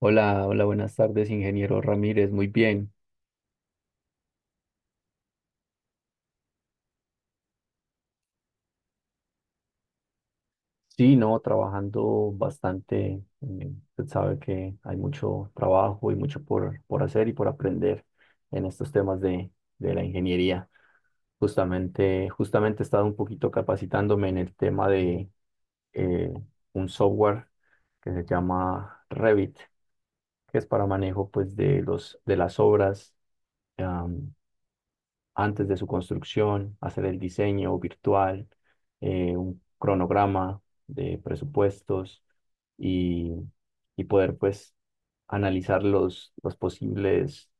Hola, hola, buenas tardes, ingeniero Ramírez. Muy bien. Sí, no, trabajando bastante. Usted sabe que hay mucho trabajo y mucho por hacer y por aprender en estos de la ingeniería. Justamente he estado un poquito capacitándome en el tema de eh, un software que se llama Revit, que es para manejo pues, de de las obras antes de su construcción, hacer el diseño virtual, un cronograma de presupuestos y, y poder pues analizar los posibles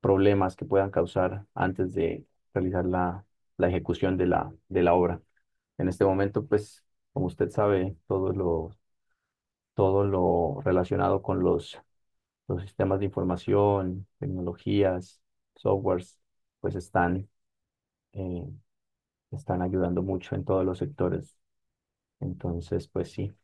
problemas que puedan causar antes de realizar la ejecución de de la obra. En este momento, pues, como usted sabe, todo lo relacionado con los sistemas de información, tecnologías, softwares, pues están eh, están ayudando mucho en todos los sectores. Entonces, pues sí.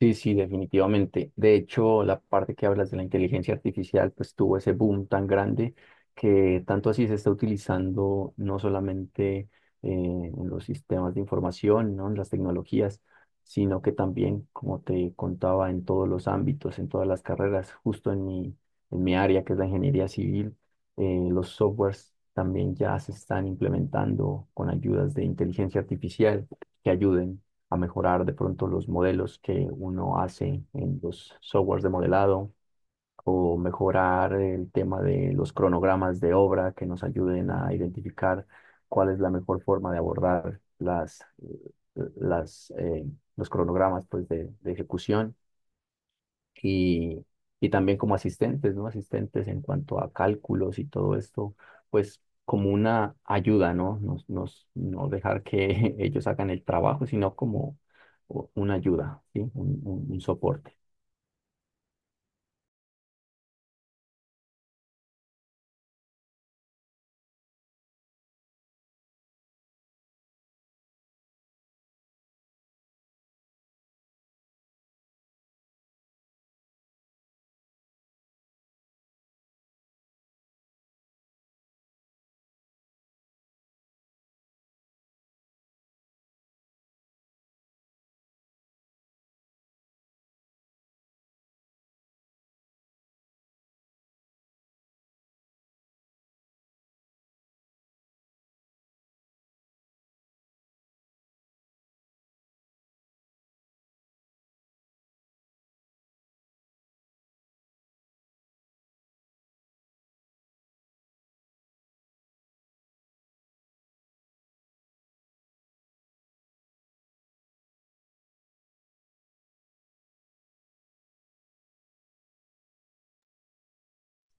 Sí, sí, definitivamente. De hecho, la parte que hablas de la inteligencia artificial, pues tuvo ese boom tan grande que tanto así se está utilizando no solamente en los sistemas de información, ¿no? En las tecnologías, sino que también, como te contaba, en todos los ámbitos, en todas las carreras, en mi área, que es la ingeniería civil, los softwares también ya se están implementando con ayudas de inteligencia artificial que ayuden a mejorar de pronto los modelos que uno hace en los softwares de modelado o mejorar el tema de los cronogramas de obra que nos ayuden a identificar cuál es la mejor forma de abordar las, eh, los cronogramas pues, de ejecución y, y también como asistentes, ¿no? Asistentes en cuanto a cálculos y todo esto, pues como una ayuda, ¿no? Nos, nos, no dejar que ellos hagan el trabajo, sino como una ayuda, ¿sí? Un soporte.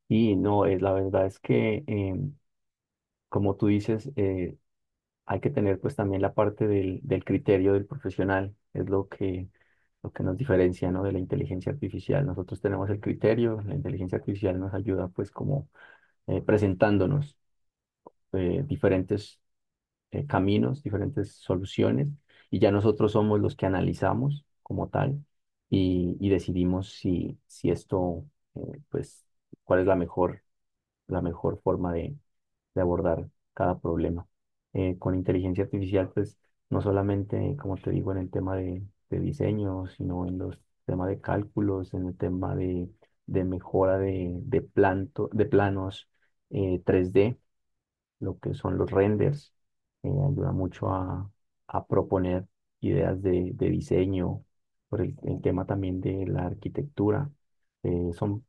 Y no, es la verdad es que, como tú dices, hay que tener pues también la parte del criterio del profesional, es lo que lo que nos diferencia, ¿no?, de la inteligencia artificial. Nosotros tenemos el criterio, la inteligencia artificial nos ayuda pues como presentándonos diferentes caminos, diferentes soluciones, y ya nosotros somos los que analizamos como tal y decidimos si esto, eh, pues, cuál es la mejor forma de abordar cada problema. Con inteligencia artificial, pues, no solamente, como te digo, en el de diseño, sino en los temas de cálculos, en el de mejora de planos 3D, lo que son los renders. Ayuda mucho a proponer ideas de diseño, por el tema también de la arquitectura. Son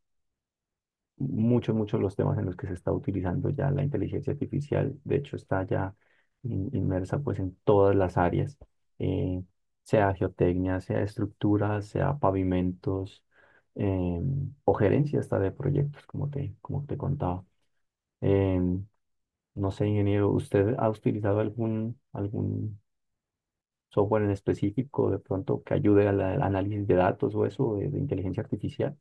muchos los temas en los que se está utilizando ya la inteligencia artificial. De hecho, está ya inmersa pues en todas las áreas, eh, sea geotecnia, sea estructuras, sea pavimentos, o gerencia hasta de proyectos, como como te contaba. Em, no sé, ingeniero, ¿usted ha utilizado algún software en específico de pronto que ayude al análisis de datos o eso de inteligencia artificial?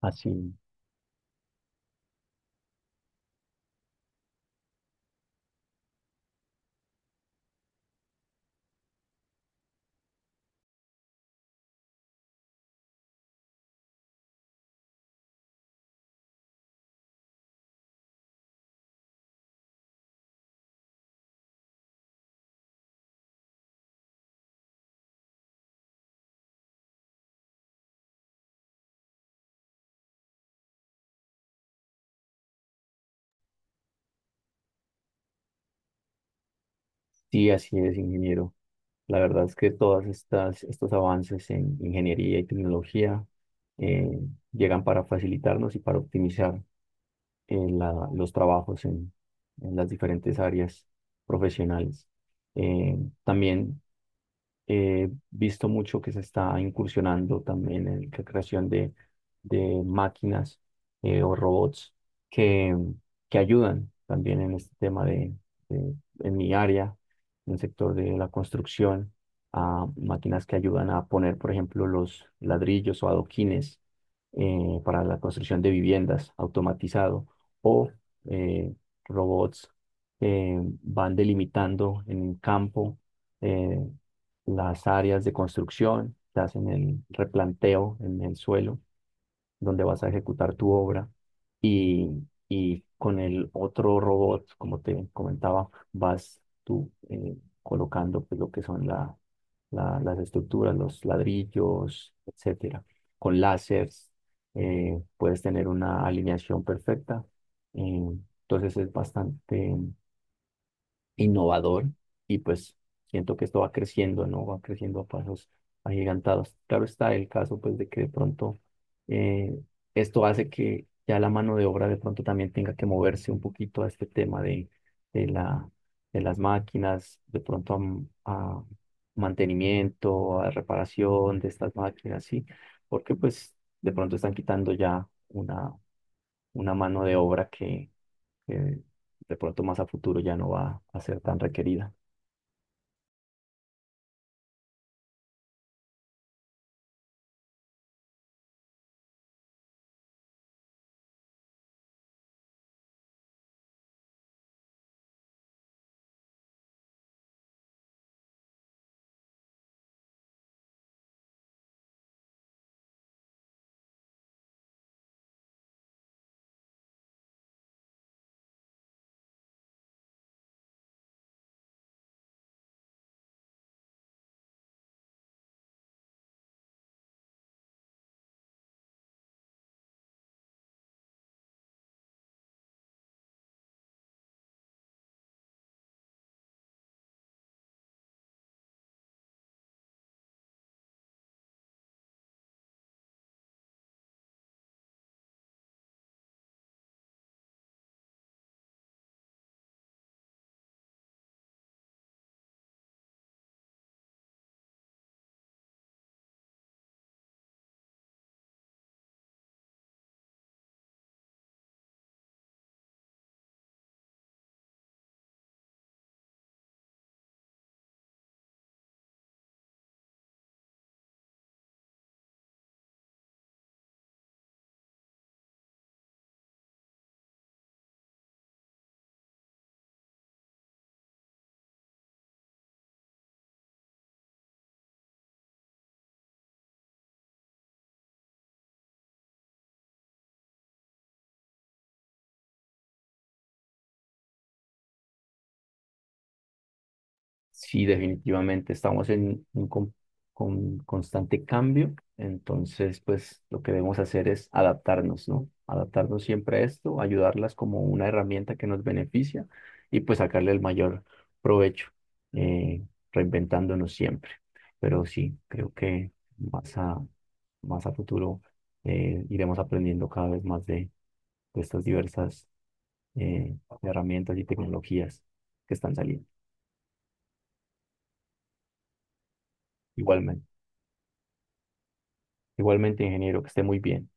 Así, sí, así es, ingeniero. La verdad es que estos avances en ingeniería y tecnología eh, llegan para facilitarnos y para optimizar los trabajos en las diferentes áreas profesionales. Eh, también He visto mucho que se está incursionando también en la creación de máquinas o robots que, que ayudan también en este de- en mi área, en el sector de la construcción, a máquinas que ayudan a poner, por ejemplo, los ladrillos o adoquines para la construcción de viviendas automatizado, o eh, robots que van delimitando en el campo eh, las áreas de construcción, te hacen el replanteo en el suelo donde vas a ejecutar tu obra y, y con el otro robot, como te comentaba, vas tú colocando pues, lo que son las estructuras, los ladrillos, etcétera. Con láseres puedes tener una alineación perfecta. eh, entonces es bastante innovador y pues siento que esto va creciendo, ¿no? Va creciendo a pasos agigantados. Claro está el caso pues de que de pronto eh, esto hace que ya la mano de obra de pronto también tenga que moverse un poquito a este tema de la, de las máquinas, de pronto a, a mantenimiento, a reparación de estas máquinas, ¿sí? Porque pues de pronto están quitando ya una mano de obra que de pronto más a futuro ya no va a ser tan requerida. Sí, definitivamente estamos en con constante cambio, entonces pues lo que debemos hacer es adaptarnos, ¿no? Adaptarnos siempre a esto, ayudarlas como una herramienta que nos beneficia y pues sacarle el mayor provecho, eh, reinventándonos siempre. Pero sí, creo que más a, más a futuro iremos aprendiendo cada vez más de estas diversas de herramientas y tecnologías que están saliendo. Igualmente, igualmente, ingeniero, que esté muy bien.